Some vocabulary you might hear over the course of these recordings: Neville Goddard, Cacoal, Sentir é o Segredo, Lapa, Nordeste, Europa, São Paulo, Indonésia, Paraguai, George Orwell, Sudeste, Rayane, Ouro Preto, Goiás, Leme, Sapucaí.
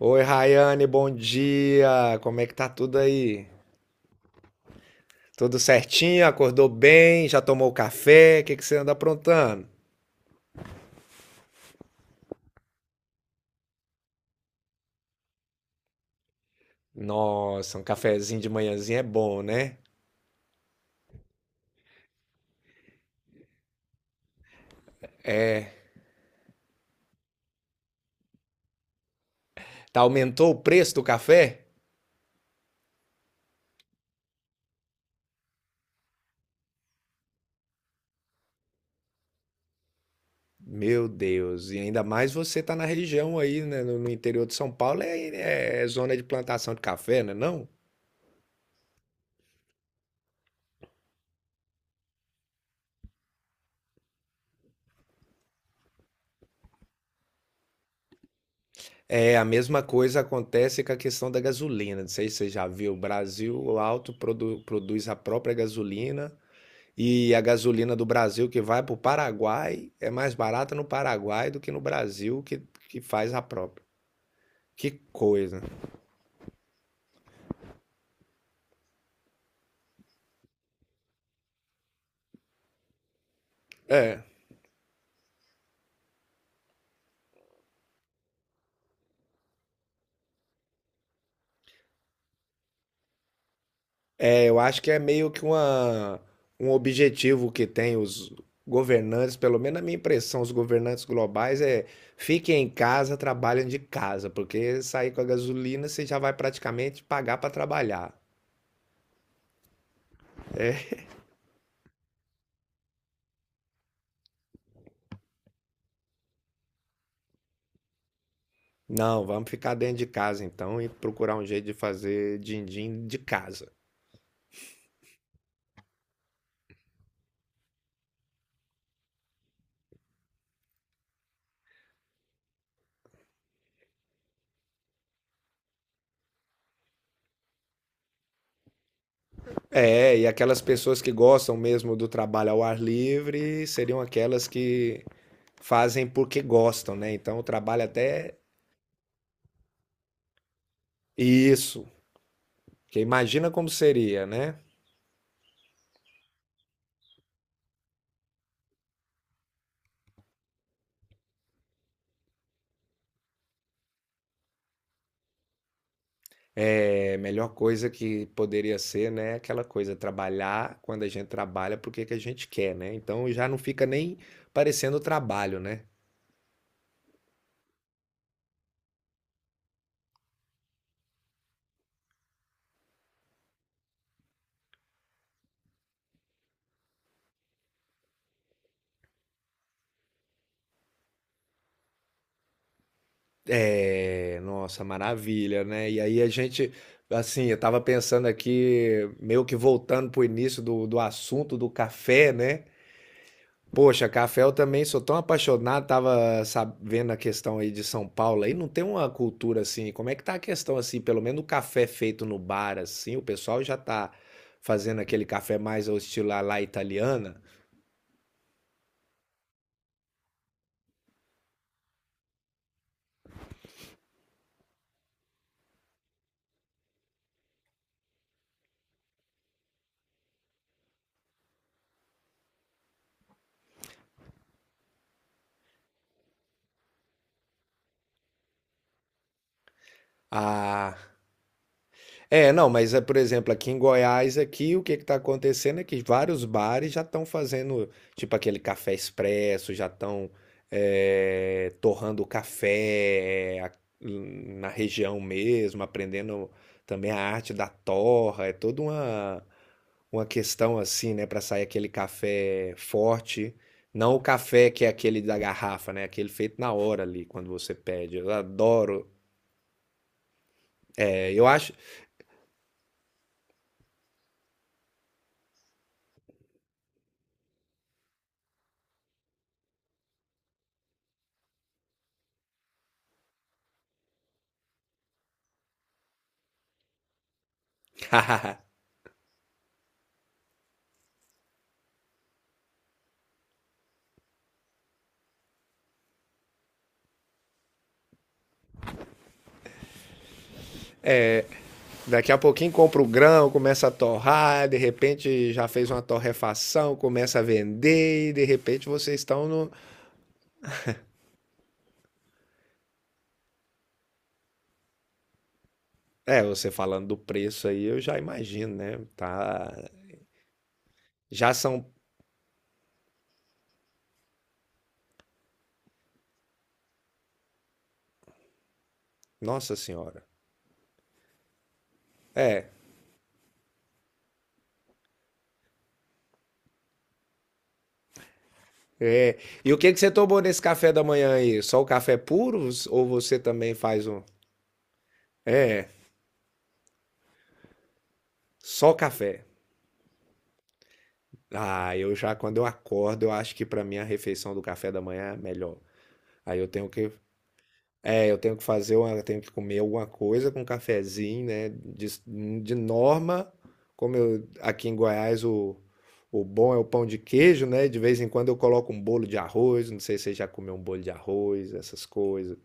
Oi, Rayane, bom dia. Como é que tá tudo aí? Tudo certinho? Acordou bem? Já tomou café? O que que você anda aprontando? Nossa, um cafezinho de manhãzinha é bom, né? Tá, aumentou o preço do café? Meu Deus, e ainda mais você tá na região aí, né? No interior de São Paulo é, é zona de plantação de café, né? Não? É, a mesma coisa acontece com a questão da gasolina. Não sei se você já viu, o Brasil alto produz a própria gasolina. E a gasolina do Brasil que vai para o Paraguai é mais barata no Paraguai do que no Brasil que faz a própria. Que coisa. É. É, eu acho que é meio que um objetivo que tem os governantes, pelo menos a minha impressão, os governantes globais é fiquem em casa, trabalhem de casa, porque sair com a gasolina você já vai praticamente pagar para trabalhar. É. Não, vamos ficar dentro de casa então e procurar um jeito de fazer din-din de casa. É, e aquelas pessoas que gostam mesmo do trabalho ao ar livre seriam aquelas que fazem porque gostam, né? Então o trabalho até isso, que imagina como seria, né? É, melhor coisa que poderia ser, né? Aquela coisa, trabalhar quando a gente trabalha porque que a gente quer, né? Então já não fica nem parecendo trabalho, né? É, nossa, maravilha, né? E aí a gente, assim, eu tava pensando aqui, meio que voltando pro início do assunto do café, né? Poxa, café eu também sou tão apaixonado, tava sabendo a questão aí de São Paulo, aí não tem uma cultura assim, como é que tá a questão assim, pelo menos o café feito no bar assim, o pessoal já tá fazendo aquele café mais ao estilo à la italiana. Ah, é, não, mas é, por exemplo, aqui em Goiás, aqui o que está acontecendo é que vários bares já estão fazendo, tipo aquele café expresso, já estão torrando o café na região mesmo, aprendendo também a arte da torra, é toda uma questão assim, né, para sair aquele café forte, não o café que é aquele da garrafa, né, aquele feito na hora ali, quando você pede. Eu adoro, eu acho. Daqui a pouquinho compra o grão, começa a torrar, de repente já fez uma torrefação, começa a vender e de repente vocês estão no. É, você falando do preço aí, eu já imagino, né? Tá. Já são. Nossa Senhora. É. É. E o que que você tomou nesse café da manhã aí? Só o café puro ou você também faz um? É, só café. Ah, eu já quando eu acordo, eu acho que para mim a refeição do café da manhã é melhor. Aí eu tenho que, é, eu tenho que fazer eu tenho que comer alguma coisa com um cafezinho, né? De norma, como eu, aqui em Goiás o bom é o pão de queijo, né? De vez em quando eu coloco um bolo de arroz. Não sei se você já comeu um bolo de arroz, essas coisas.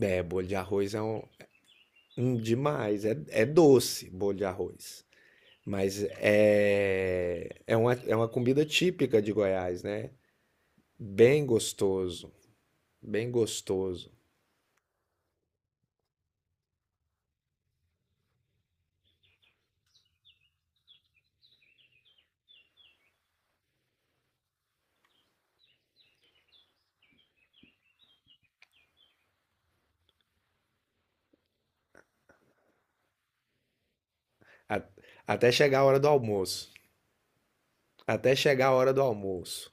É, bolo de arroz é um demais. É, é doce, bolo de arroz. Mas é, é uma comida típica de Goiás, né? Bem gostoso, bem gostoso. A- Até chegar a hora do almoço. Até chegar a hora do almoço.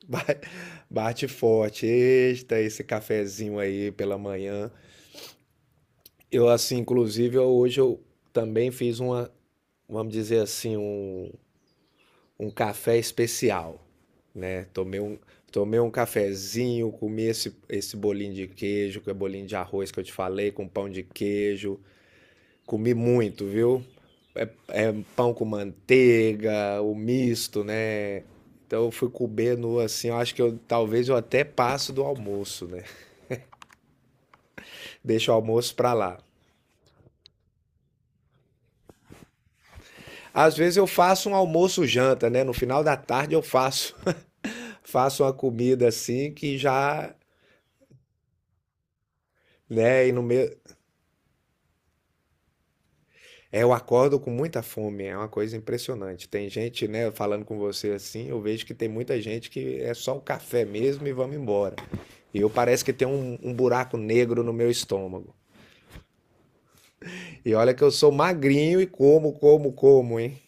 Ba- Bate forte, eita, esse cafezinho aí pela manhã. Eu, assim, inclusive, hoje eu também fiz uma, vamos dizer assim, um café especial, né? Tomei um cafezinho, comi esse bolinho de queijo, que é bolinho de arroz que eu te falei, com pão de queijo. Comi muito, viu? É, é pão com manteiga, o misto, né? Então eu fui comer no assim, eu acho que eu talvez eu até passo do almoço, né? Deixo o almoço pra lá. Às vezes eu faço um almoço janta, né? No final da tarde eu faço faço uma comida assim que já, né, e no meio. É, eu acordo com muita fome, é uma coisa impressionante. Tem gente, né, falando com você assim, eu vejo que tem muita gente que é só o café mesmo e vamos embora. E eu parece que tem um buraco negro no meu estômago. E olha que eu sou magrinho e como, como, como, hein?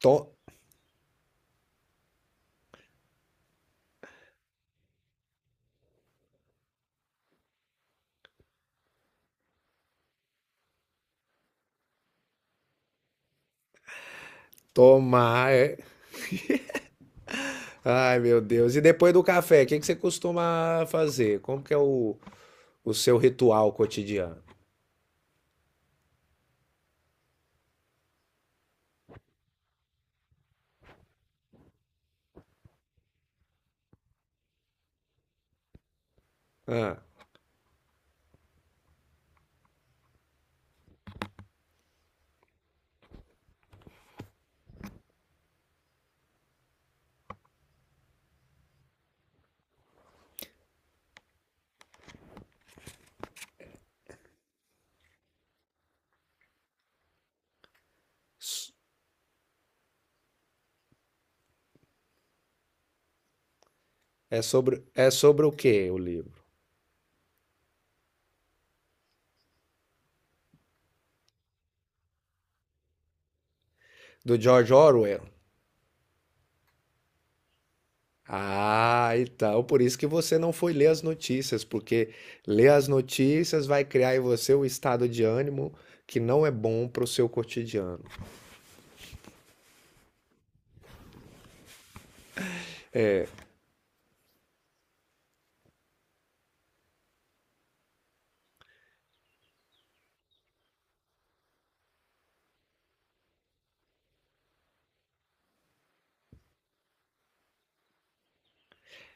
To- Tomar, é. Ai, meu Deus. E depois do café, o que que você costuma fazer? Como que é o seu ritual cotidiano? Ah, é sobre o quê o livro? Do George Orwell? Ah, então, por isso que você não foi ler as notícias, porque ler as notícias vai criar em você um estado de ânimo que não é bom para o seu cotidiano.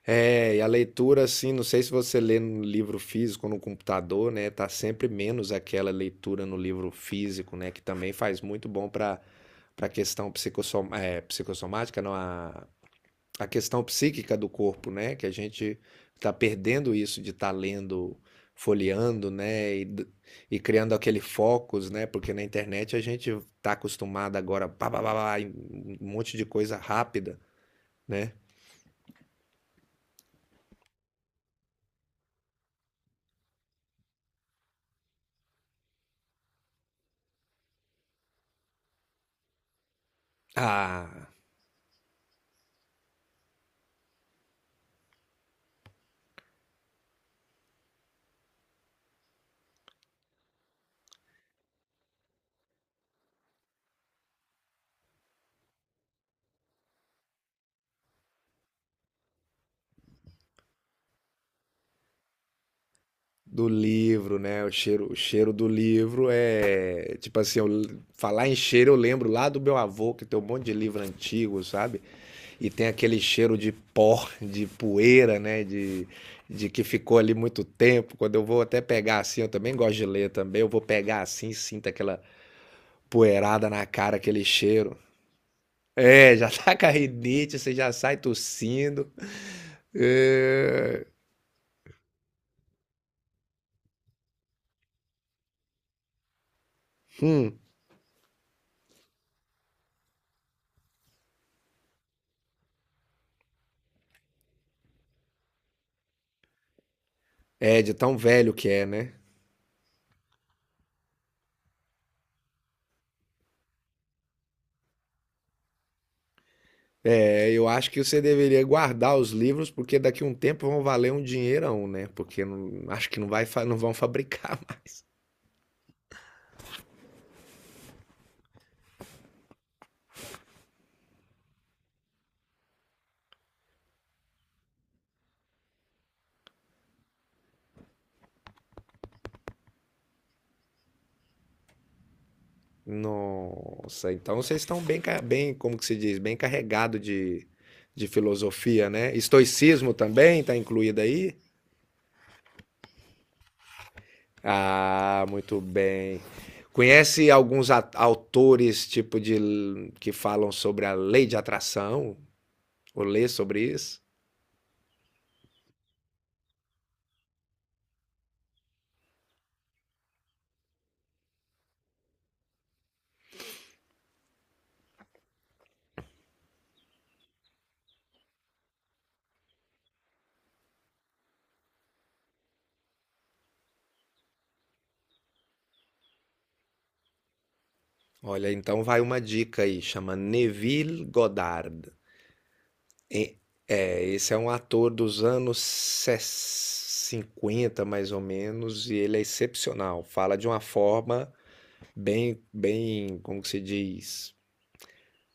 É, e a leitura, assim, não sei se você lê no livro físico ou no computador, né? Tá sempre menos aquela leitura no livro físico, né? Que também faz muito bom para a questão psicossomática, não, a questão psíquica do corpo, né? Que a gente está perdendo isso de estar lendo, folheando, né? E criando aquele focus, né? Porque na internet a gente está acostumado agora, pá, pá, pá, pá, em um monte de coisa rápida, né? A Do livro, né? O cheiro do livro é. Tipo assim, eu, falar em cheiro, eu lembro lá do meu avô, que tem um monte de livro antigo, sabe? E tem aquele cheiro de pó, de poeira, né? De que ficou ali muito tempo. Quando eu vou até pegar assim, eu também gosto de ler também. Eu vou pegar assim, sinto aquela poeirada na cara, aquele cheiro. É, já tá com a rinite, você já sai tossindo. É, hum, é de tão velho que é, né? É, eu acho que você deveria guardar os livros, porque daqui a um tempo vão valer um dinheirão, né? Porque acho que não, vai, não vão fabricar mais. Nossa, então vocês estão bem, bem, como que se diz, bem carregado de filosofia, né? Estoicismo também está incluído aí? Ah, muito bem. Conhece alguns autores, tipo, que falam sobre a lei de atração? Ou lê sobre isso? Olha, então vai uma dica aí, chama Neville Goddard. E- É, esse é um ator dos anos 50 mais ou menos, e ele é excepcional. Fala de uma forma bem, bem, como que se diz?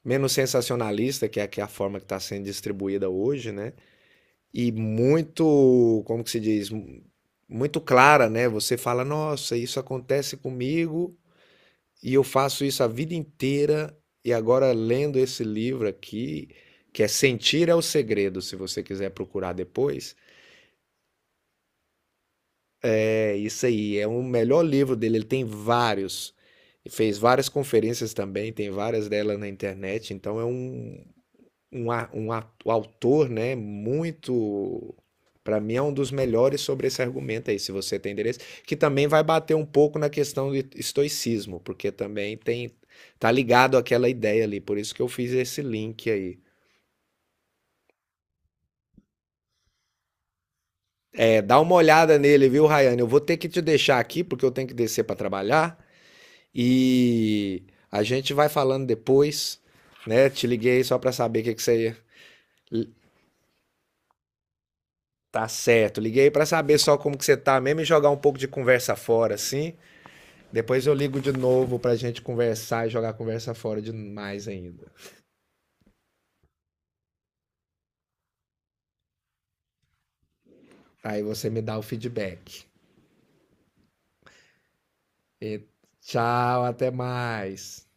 Menos sensacionalista, que é a forma que está sendo distribuída hoje, né? E muito, como que se diz? Muito clara, né? Você fala, nossa, isso acontece comigo, e eu faço isso a vida inteira. E agora, lendo esse livro aqui, que é Sentir é o Segredo, se você quiser procurar depois, é isso aí. É o melhor livro dele. Ele tem vários. Fez várias conferências também, tem várias delas na internet. Então, é um autor, né, muito, para mim é um dos melhores sobre esse argumento aí, se você tem interesse, que também vai bater um pouco na questão do estoicismo, porque também tem tá ligado àquela ideia ali, por isso que eu fiz esse link aí. É, dá uma olhada nele, viu, Rayane? Eu vou ter que te deixar aqui porque eu tenho que descer para trabalhar e a gente vai falando depois, né? Te liguei só para saber o que que você. Tá certo. Liguei pra saber só como que você tá mesmo e jogar um pouco de conversa fora, assim. Depois eu ligo de novo pra gente conversar e jogar conversa fora demais ainda. Aí você me dá o feedback. E tchau, até mais.